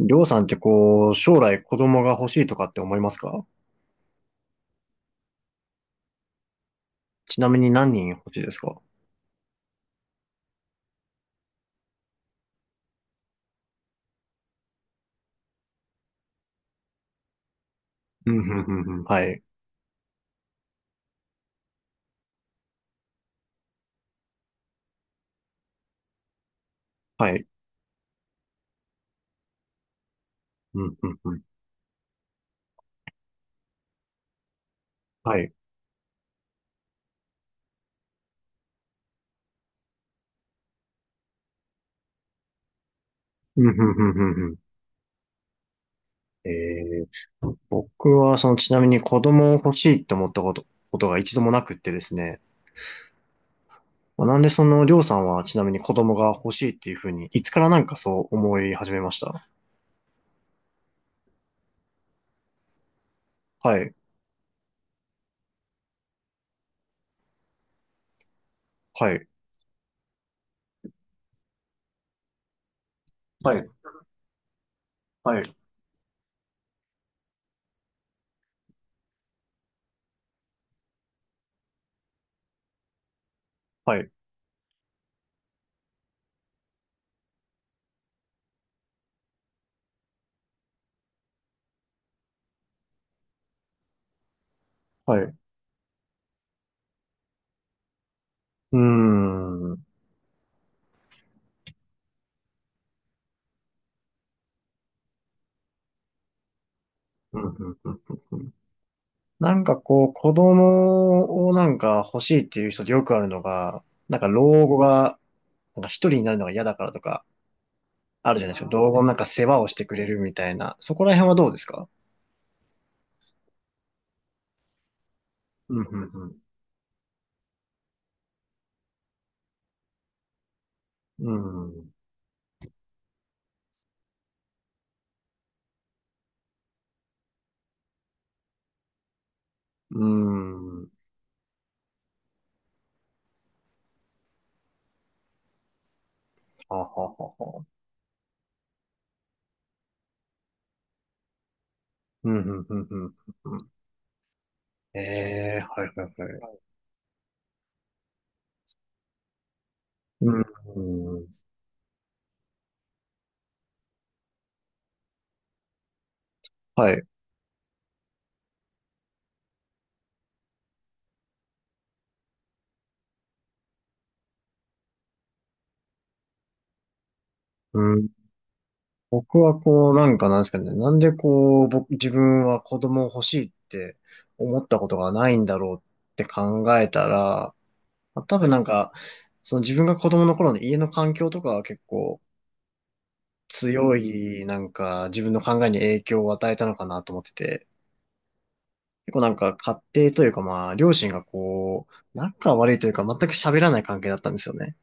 りょうさんってこう、将来子供が欲しいとかって思いますか？ちなみに何人欲しいですか？うん、うん、うん、うん。はい。はい。うん、うん、うん。はい。うん、うん、うん、うん。うん。え僕はそのちなみに子供を欲しいって思ったことが一度もなくってですね。まあ、なんでそのりょうさんはちなみに子供が欲しいっていうふうに、いつからなんかそう思い始めました？はい。はい。はい。はい。はい。はい。うーん。うん、うん、うん、うん。なんかこう、子供をなんか欲しいっていう人でよくあるのが、なんか老後が、なんか一人になるのが嫌だからとか、あるじゃないですか。老後のなんか世話をしてくれるみたいな。そこら辺はどうですか？うん、うん、うん。うん。うん。はははは。うん、うん、うん、うん。え、えー、はい、はい、はい。はい。うん、うん。はい。うん。僕はこう、なんかなんですかね、なんでこう、僕、自分は子供欲しいって思ったことがないんだろうって考えたら、まあ、多は分い。なんか、その自分が子供の頃の家の環境とかは結構強い、なんか自分の考えに影響を与えたのかなと思ってて、結構なんか家庭というかまあ、両親がこう、仲悪いというか全く喋らない関係だったんですよね。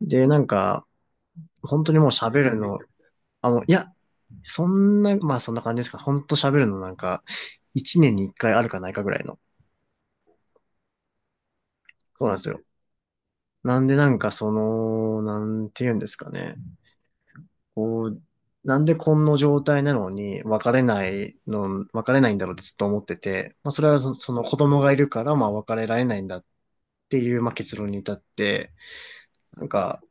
で、なんか、本当にもう喋るの、あの、いや、そんな、まあそんな感じですか。ほんと喋るのなんか、一年に一回あるかないかぐらいの。そうなんですよ。なんでなんかその、なんて言うんですかね。こう、なんでこんな状態なのに別れないの、別れないんだろうってずっと思ってて、まあそれはそその子供がいるから、まあ別れられないんだっていう、まあ結論に至って、なんか、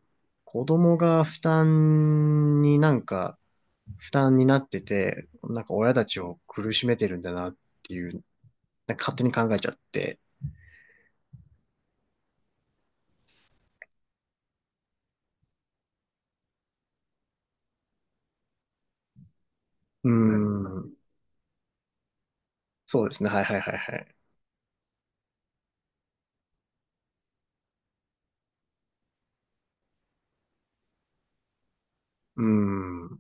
子供が負担になんか、負担になってて、なんか親たちを苦しめてるんだなっていうなんか勝手に考えちゃって。うーん。そうですね。はいはいはいはい。うーん。う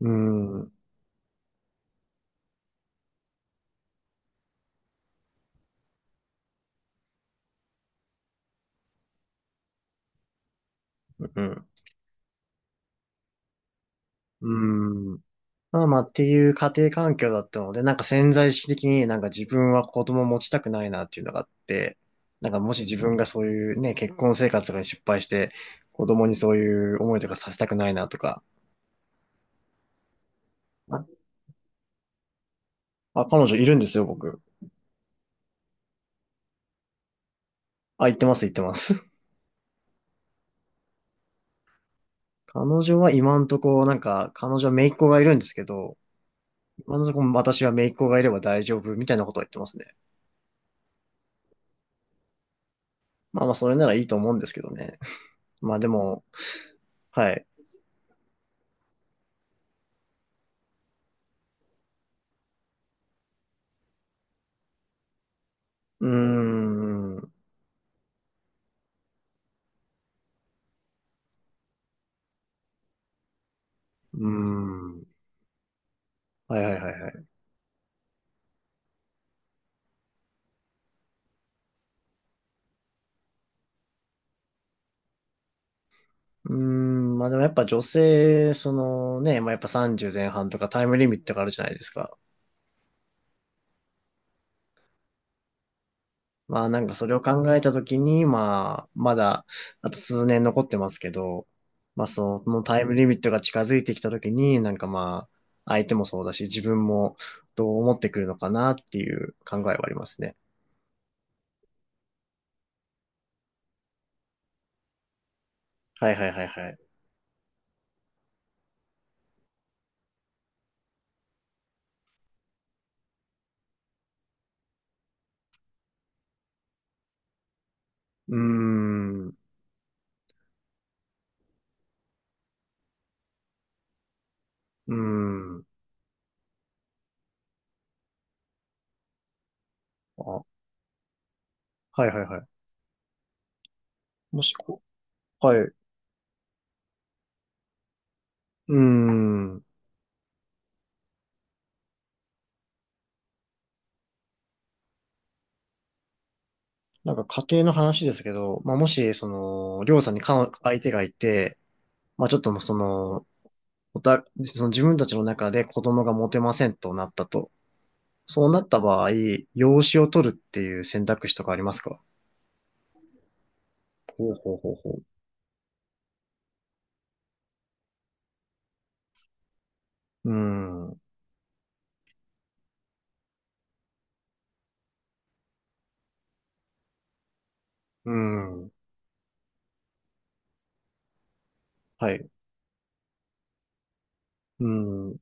ーん。うん。うーん。まあまあっていう家庭環境だったので、なんか潜在意識的になんか自分は子供を持ちたくないなっていうのがあって、なんかもし自分がそういうね、結婚生活が失敗して、子供にそういう思いとかさせたくないなとか。あ、彼女いるんですよ、僕。あ、言ってます、言ってます。彼女は今んとこ、なんか、彼女は姪っ子がいるんですけど、今のところ私は姪っ子がいれば大丈夫みたいなことを言ってますね。まあまあ、それならいいと思うんですけどね。まあでも、はい。うーん、うーん。はいはいはいはい。うーん、まあでもやっぱ女性、そのね、まあやっぱ30前半とかタイムリミットがあるじゃないですか。まあなんかそれを考えたときに、まあ、まだあと数年残ってますけど、まあそのタイムリミットが近づいてきたときに、なんかまあ、相手もそうだし、自分もどう思ってくるのかなっていう考えはありますね。はいはいはいはい。うーん、うーん。あ、はいはいはい。もしこ、はい。うーん。なんか家庭の話ですけど、まあもし、その、りょうさんにか相手がいて、まあちょっともうその、その自分たちの中で子供が持てませんとなったと。そうなった場合、養子を取るっていう選択肢とかありますか？ほうほうほうほう。うーん。うーん。はい。うーん。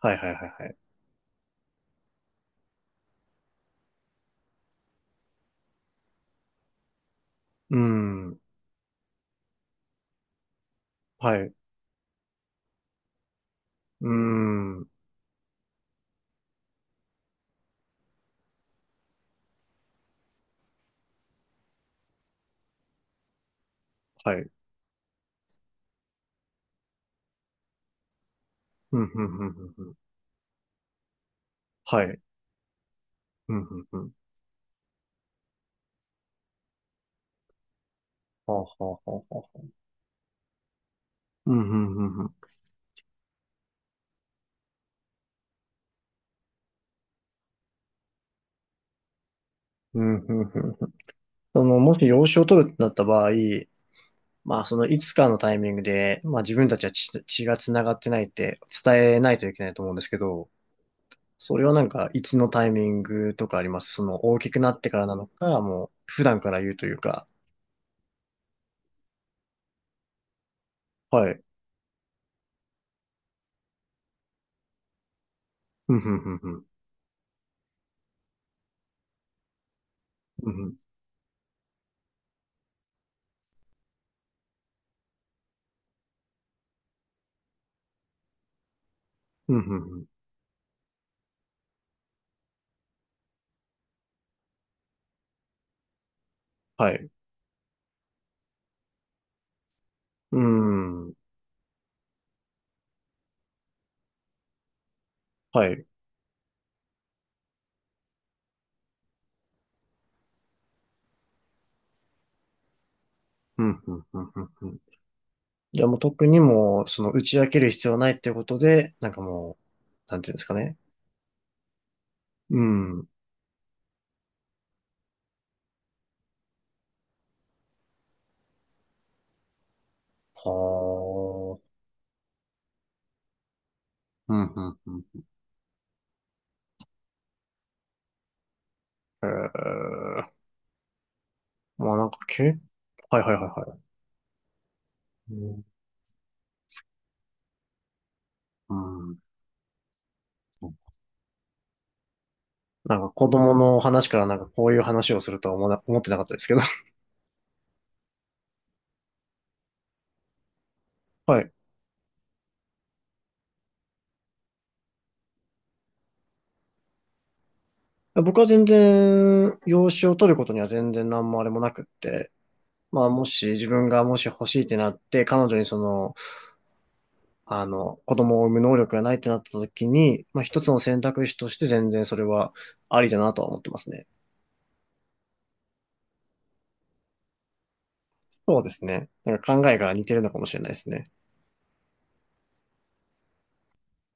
はいはいはいはい。うーん。はい。うーん。はい。うん、うん、うん、うん。うん。はい。うん、うん、うん。はあ、はあ、はあ、はあ。うん、うん、うん、うん。うん、うん、うん。その、もし養子を取るってなった場合、まあ、そのいつかのタイミングで、まあ自分たちは血が繋がってないって伝えないといけないと思うんですけど、それはなんかいつのタイミングとかありますその大きくなってからなのか、もう普段から言うというか、はい。うん、ふんふんふん。うんふん、うんふんふん。はい。うん。はい。うん、ふんふんふんふん。じゃあもう特にもう、その打ち明ける必要はないっていうことで、なんかもう、なんていうんですかね。うん。はあ。うん、うん、うん。ええ。まあなんか経はいはいはいはい。うんうん。なんか子供の話からなんかこういう話をするとは思わな、思ってなかったですけど。はい。僕は全然、養子を取ることには全然何もあれもなくって。まあもし自分がもし欲しいってなって、彼女にその、あの、子供を産む能力がないってなった時に、まあ一つの選択肢として全然それはありだなとは思ってますね。そうですね。なんか考えが似てるのかもしれないですね。